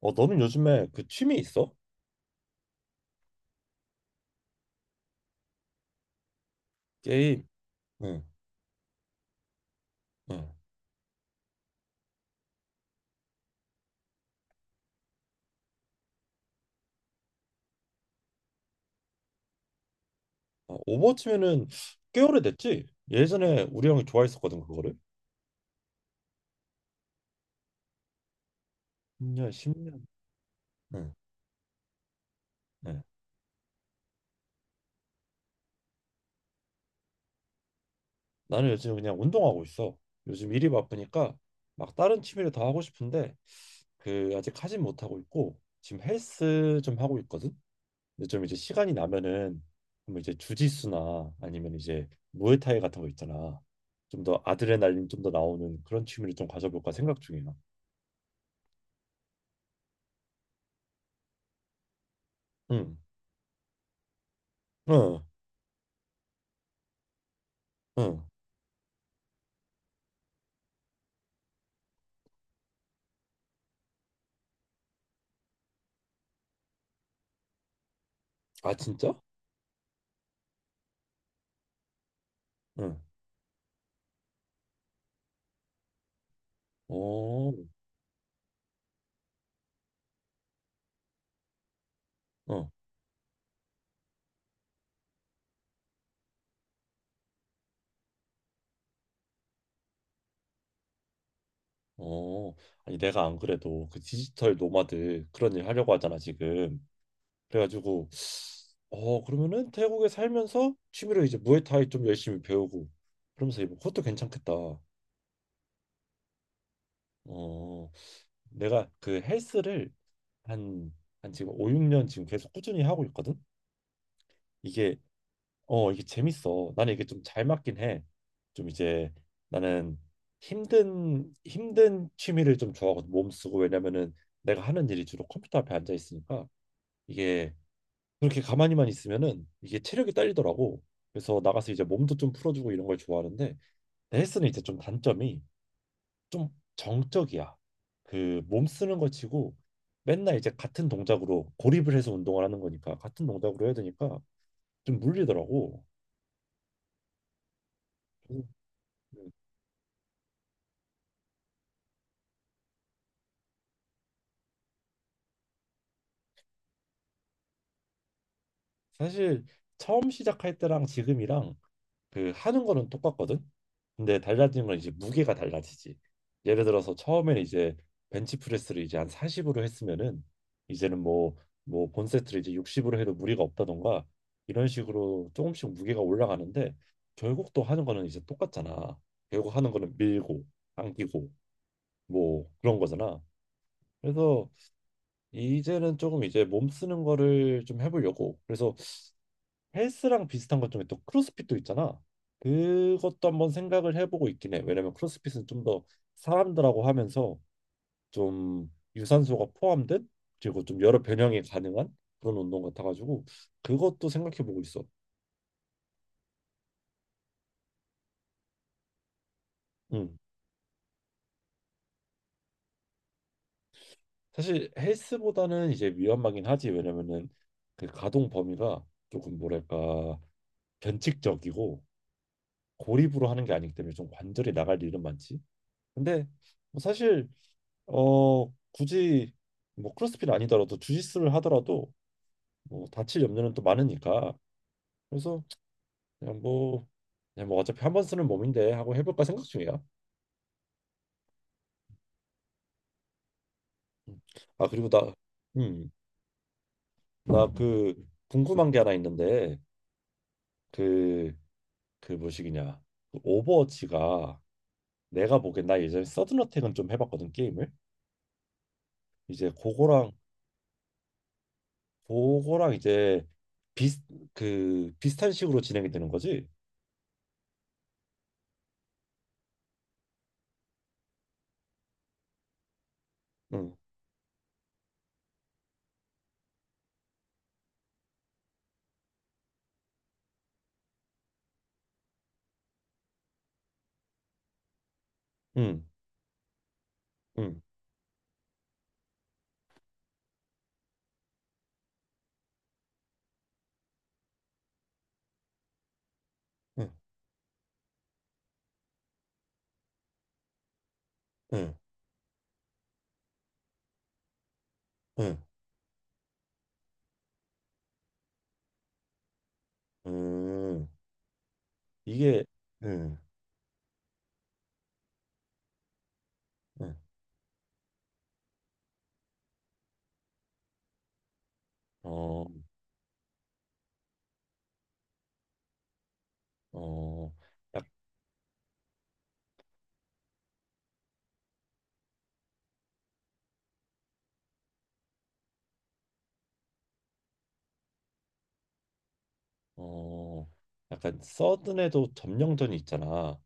너는 요즘에 그 취미 있어? 게임. 응, 응. 오버워치면은 꽤 오래됐지? 예전에 우리 형이 좋아했었거든, 그거를. 10년, 10년. 응, 응. 나는 요즘 그냥 운동하고 있어. 요즘 일이 바쁘니까 막 다른 취미를 다 하고 싶은데 그 아직 하진 못하고 있고 지금 헬스 좀 하고 있거든. 근데 좀 이제 시간이 나면은 뭐 이제 주짓수나 아니면 이제 무에타이 같은 거 있잖아. 좀 더 아드레날린 좀 더 나오는 그런 취미를 좀 가져볼까 생각 중이야. 응. 응. 응. 아, 진짜? 응. 어, 어, 어. 아니, 내가 안 그래도 그 디지털 노마드 그런 일 하려고 하잖아, 지금. 그래가지고, 그러면은 태국에 살면서 취미로 이제 무에타이 좀 열심히 배우고, 그러면서 이거 그것도 괜찮겠다. 어, 내가 그 헬스를 한, 한 지금 5, 6년 지금 계속 꾸준히 하고 있거든? 이게 이게 재밌어. 나는 이게 좀 잘 맞긴 해. 좀 이제 나는 힘든 힘든 취미를 좀 좋아하거든. 몸 쓰고 왜냐면은 내가 하는 일이 주로 컴퓨터 앞에 앉아 있으니까 이게 그렇게 가만히만 있으면은 이게 체력이 딸리더라고. 그래서 나가서 이제 몸도 좀 풀어주고 이런 걸 좋아하는데 헬스는 이제 좀 단점이 좀 정적이야. 그 몸 쓰는 거 치고 맨날 이제 같은 동작으로 고립을 해서 운동을 하는 거니까 같은 동작으로 해야 되니까 좀 물리더라고. 사실 처음 시작할 때랑 지금이랑 그 하는 거는 똑같거든. 근데 달라진 건 이제 무게가 달라지지. 예를 들어서 처음에는 이제 벤치프레스를 이제 한 40으로 했으면은 이제는 뭐 본세트를 이제 60으로 해도 무리가 없다던가 이런 식으로 조금씩 무게가 올라가는데 결국 또 하는 거는 이제 똑같잖아. 결국 하는 거는 밀고 당기고 뭐 그런 거잖아. 그래서 이제는 조금 이제 몸 쓰는 거를 좀 해보려고. 그래서 헬스랑 비슷한 것 중에 또 크로스핏도 있잖아. 그것도 한번 생각을 해보고 있긴 해. 왜냐면 크로스핏은 좀 더 사람들하고 하면서 좀 유산소가 포함된 그리고 좀 여러 변형이 가능한 그런 운동 같아가지고 그것도 생각해보고 있어. 음. 사실 헬스보다는 이제 위험하긴 하지. 왜냐면은 그 가동 범위가 조금 뭐랄까 변칙적이고 고립으로 하는 게 아니기 때문에 좀 관절이 나갈 일은 많지. 근데 뭐 사실 어 굳이 뭐 크로스핏 아니더라도 주짓수를 하더라도 뭐 다칠 염려는 또 많으니까 그래서 그냥 뭐 그냥 뭐 어차피 한번 쓰는 몸인데 하고 해볼까 생각 중이야. 음. 아 그리고 음 나 그 궁금한 게 하나 있는데 그 그 뭐시기냐 그 오버워치가 내가 보기엔 나 예전에 서든어택은 좀 해봤거든 게임을 이제 그거랑 이제 비슷 그 비슷한 식으로 진행이 되는 거지. 응 응, 응, 응, 응. 응, 음, 이게, 응, 응, 어, 어, 약, 어, 약간 서든에도 점령전이 있잖아.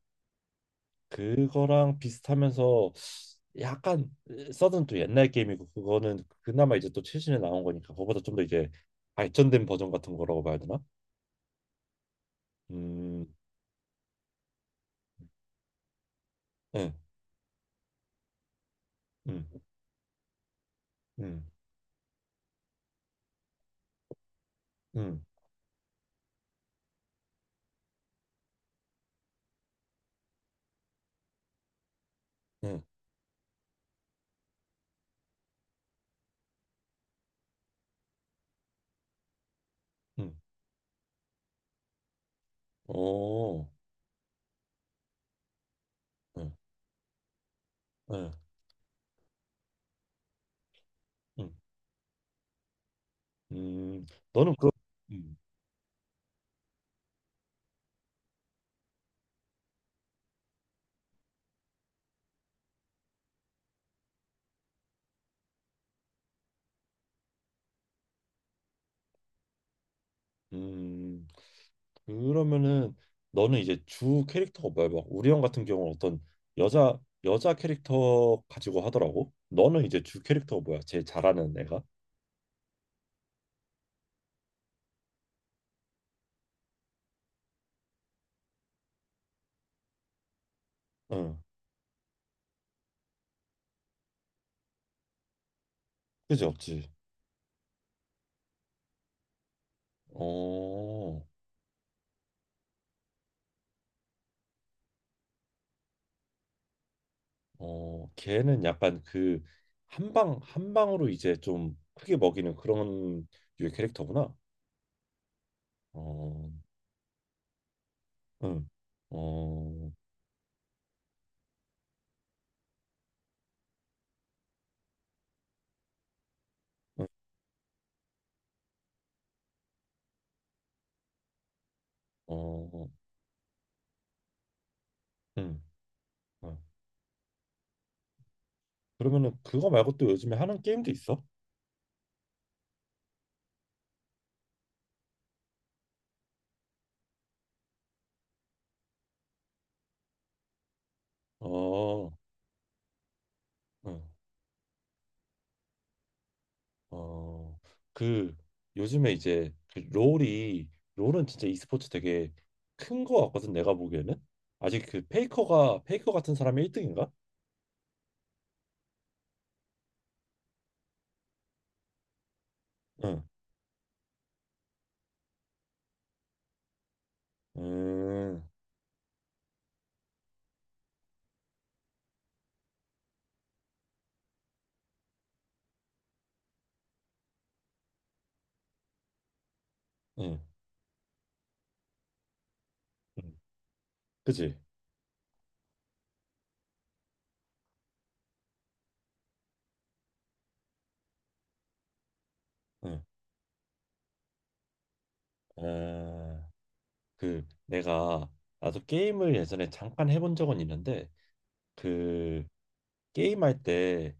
그거랑 비슷하면서 약간 서든 또 옛날 게임이고 그거는 그나마 이제 또 최신에 나온 거니까 그거보다 좀 더 이제 발전된 버전 같은 거라고 봐야 되나? 음, 응, 응, 응, 응, 응, 응, 오, 응, 응, 응, 음, 너는 그, 음, 음. 그러면은 너는 이제 주 캐릭터가 뭐야? 막 우리 형 같은 경우는 어떤 여자 여자 캐릭터 가지고 하더라고. 너는 이제 주 캐릭터가 뭐야? 제일 잘하는 애가? 응. 그지 없지. 어, 어, 걔는 약간 그 한방 한 방으로 이제 좀 크게 먹이는 그런 유의 캐릭터구나. 어, 응, 어, 응, 어, 응. 어. 그러면은 그거 말고 또 요즘에 하는 게임도 있어? 어, 응. 어, 그 요즘에 이제 그 롤이 롤은 진짜 e스포츠 되게 큰 거 같거든 내가 보기에는 아직 그 페이커 같은 사람이 1등인가? 응, 음, 응, 응, 그지? 응, 아, 그 내가 나도 게임을 예전에 잠깐 해본 적은 있는데 그 게임할 때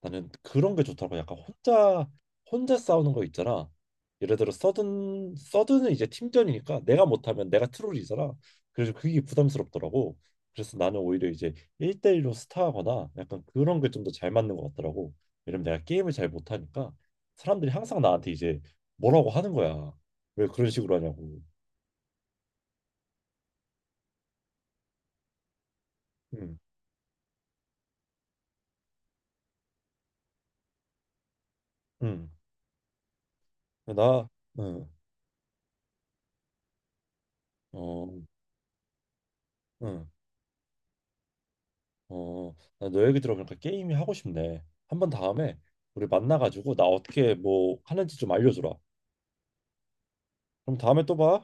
나는 그런 게 좋더라고. 약간 혼자 혼자 싸우는 거 있잖아. 예를 들어 서든은 이제 팀전이니까 내가 못하면 내가 트롤이잖아. 그래서 그게 부담스럽더라고. 그래서 나는 오히려 이제 1대1로 스타하거나 약간 그런 게 좀 더 잘 맞는 것 같더라고. 왜냐면 내가 게임을 잘 못하니까 사람들이 항상 나한테 이제 뭐라고 하는 거야. 왜 그런 식으로 하냐고. 응, 응. 나, 응, 어, 응. 어, 나 너 얘기 들어보니까 게임이 하고 싶네. 한번 다음에 우리 만나가지고 나 어떻게 뭐 하는지 좀 알려주라. 그럼 다음에 또 봐.